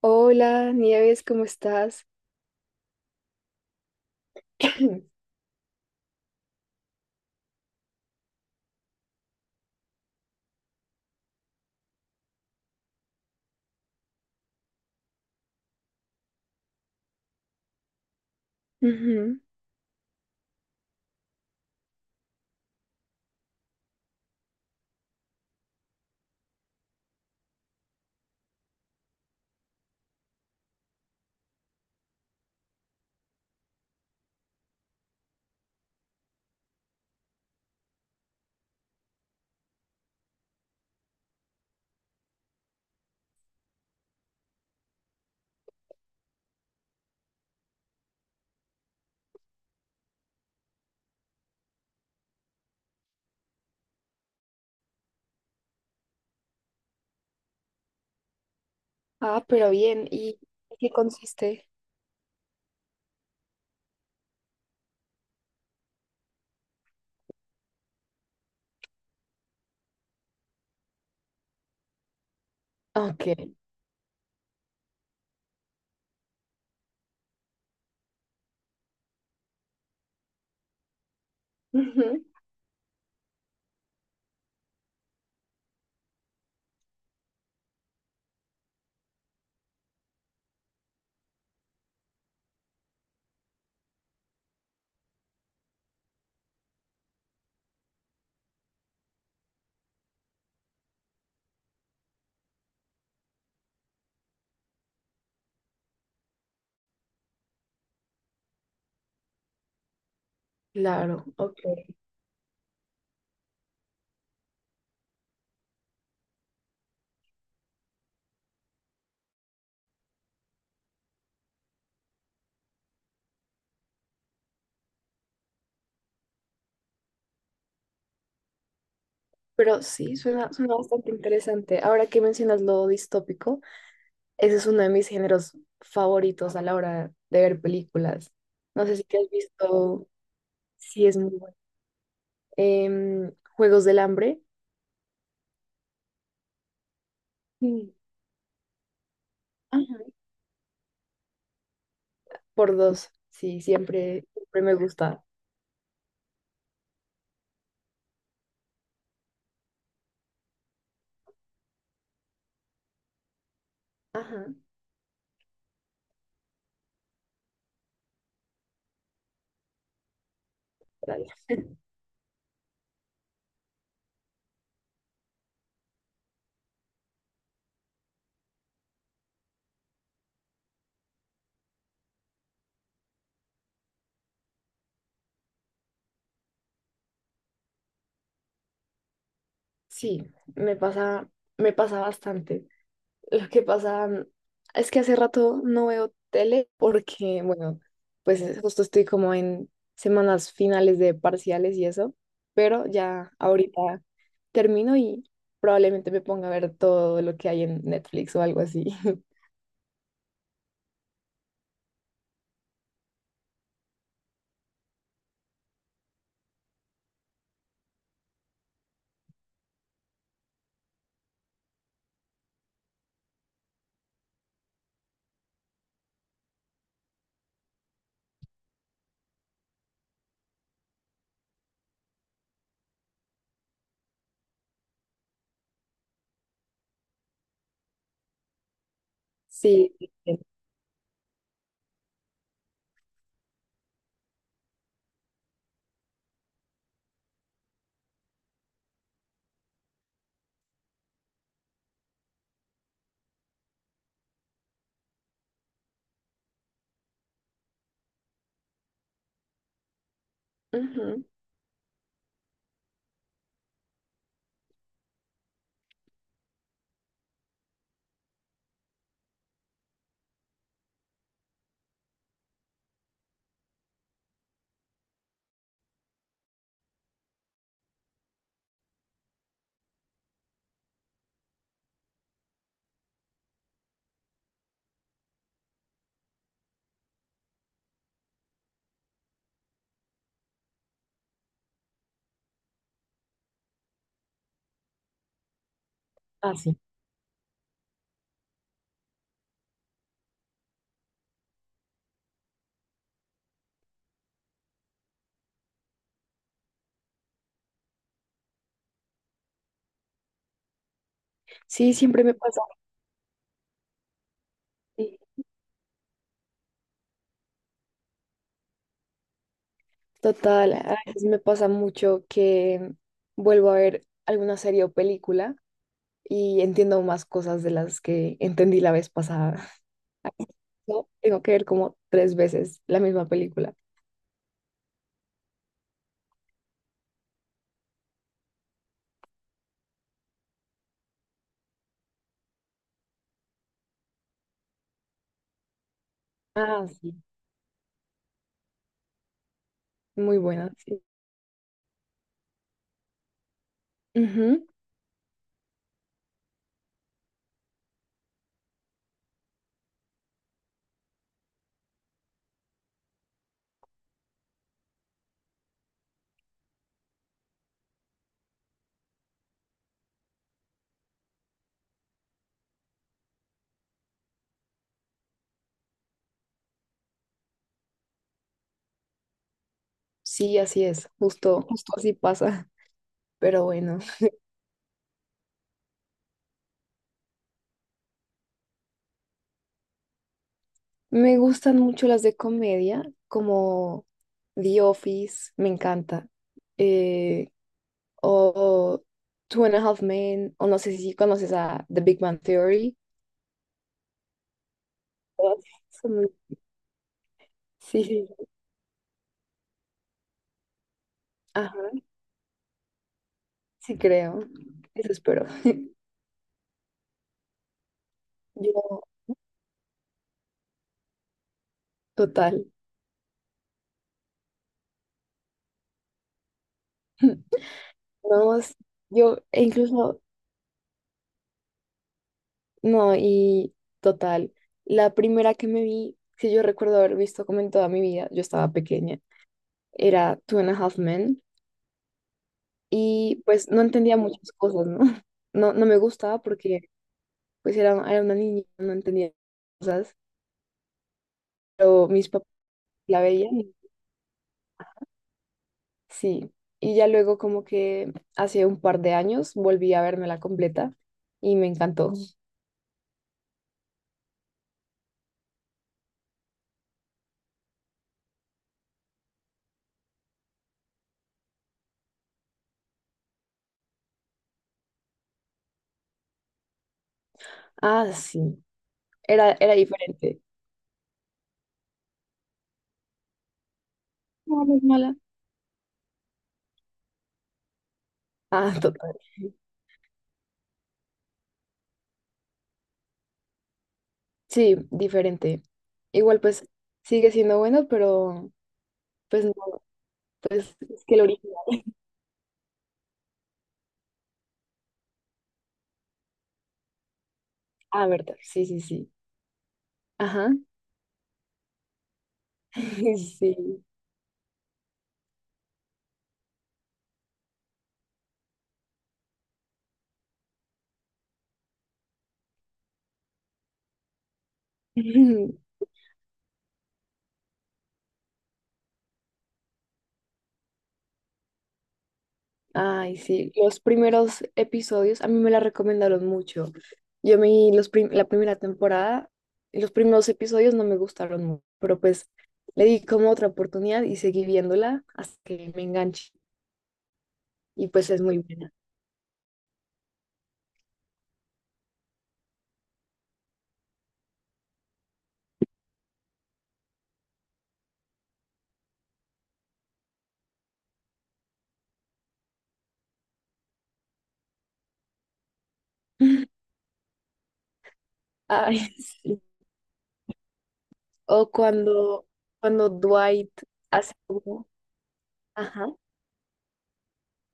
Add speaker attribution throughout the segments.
Speaker 1: Hola, Nieves, ¿cómo estás? Ujú. Ah, pero bien, ¿y en qué consiste? Ok, ujú, claro, ok. Pero sí, suena bastante interesante. Ahora que mencionas lo distópico, ese es uno de mis géneros favoritos a la hora de ver películas. No sé si te has visto, sí es muy bueno. Em, Juegos del Hambre. Mm. Ajá. Por dos, sí, siempre, siempre me gusta. Ajá. Sí, me pasa, me pasa bastante. Lo que pasa es que hace rato no veo tele porque, bueno, pues justo estoy como en semanas finales de parciales y eso, pero ya ahorita termino y probablemente me ponga a ver todo lo que hay en Netflix o algo así. Sí, sí. Ujú. Ah, sí. Sí, siempre me pasa. Sí, total, a veces me pasa mucho que vuelvo a ver alguna serie o película y entiendo más cosas de las que entendí la vez pasada. No, tengo que ver como tres veces la misma película. Ah, sí. Muy buena, sí. Ujú. Sí, así es. Justo, justo así pasa. Pero bueno, me gustan mucho las de comedia, como The Office, me encanta. Eh, o Two and a Half Men, o no sé si conoces a The Big Bang Theory. Todas son muy- Sí, sí. Sí, creo. Eso espero. Yo, total. No, sí, yo, e incluso, no, y total. La primera que me vi, que yo recuerdo haber visto como en toda mi vida, yo estaba pequeña, era Two and a Half Men. Y pues no entendía muchas cosas, ¿no? No, no me gustaba porque pues era, era una niña, no entendía cosas, pero mis papás la veían, y- sí. Y ya luego como que hace un par de años volví a verme la completa y me encantó. Ah, sí, era, era diferente. No, no es mala. Ah, total. Sí, diferente. Igual pues sigue siendo bueno, pero pues no, pues es que el original. Ah, verdad, sí, sí, sí. Ajá, sí. Ay, sí, los primeros episodios a mí me la recomendaron mucho. Yo me los la primera temporada, los primeros episodios no me gustaron mucho, pero pues le di como otra oportunidad y seguí viéndola hasta que me enganché y pues es muy buena. Ay, sí. O cuando, cuando Dwight hace como, ajá,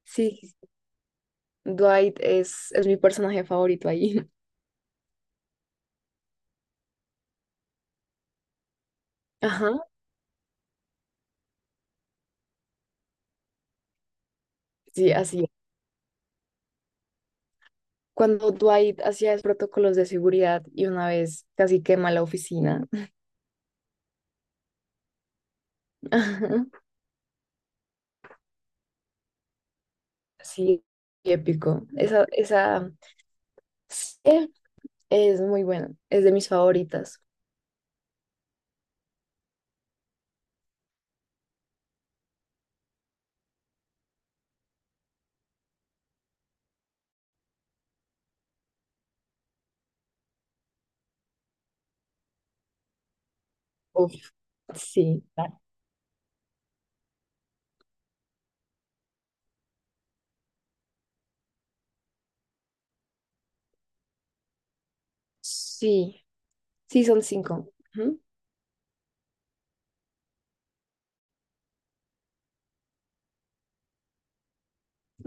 Speaker 1: sí, Dwight es mi personaje favorito ahí. Ajá, sí, así. Es. Cuando Dwight hacía los protocolos de seguridad y una vez casi quema la oficina. Ajá, sí, épico. Esa serie es muy buena, es de mis favoritas. Uf, sí, sí, sí, son 5. Ujú,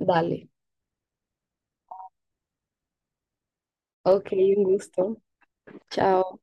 Speaker 1: dale. Ok, un gusto. Chao.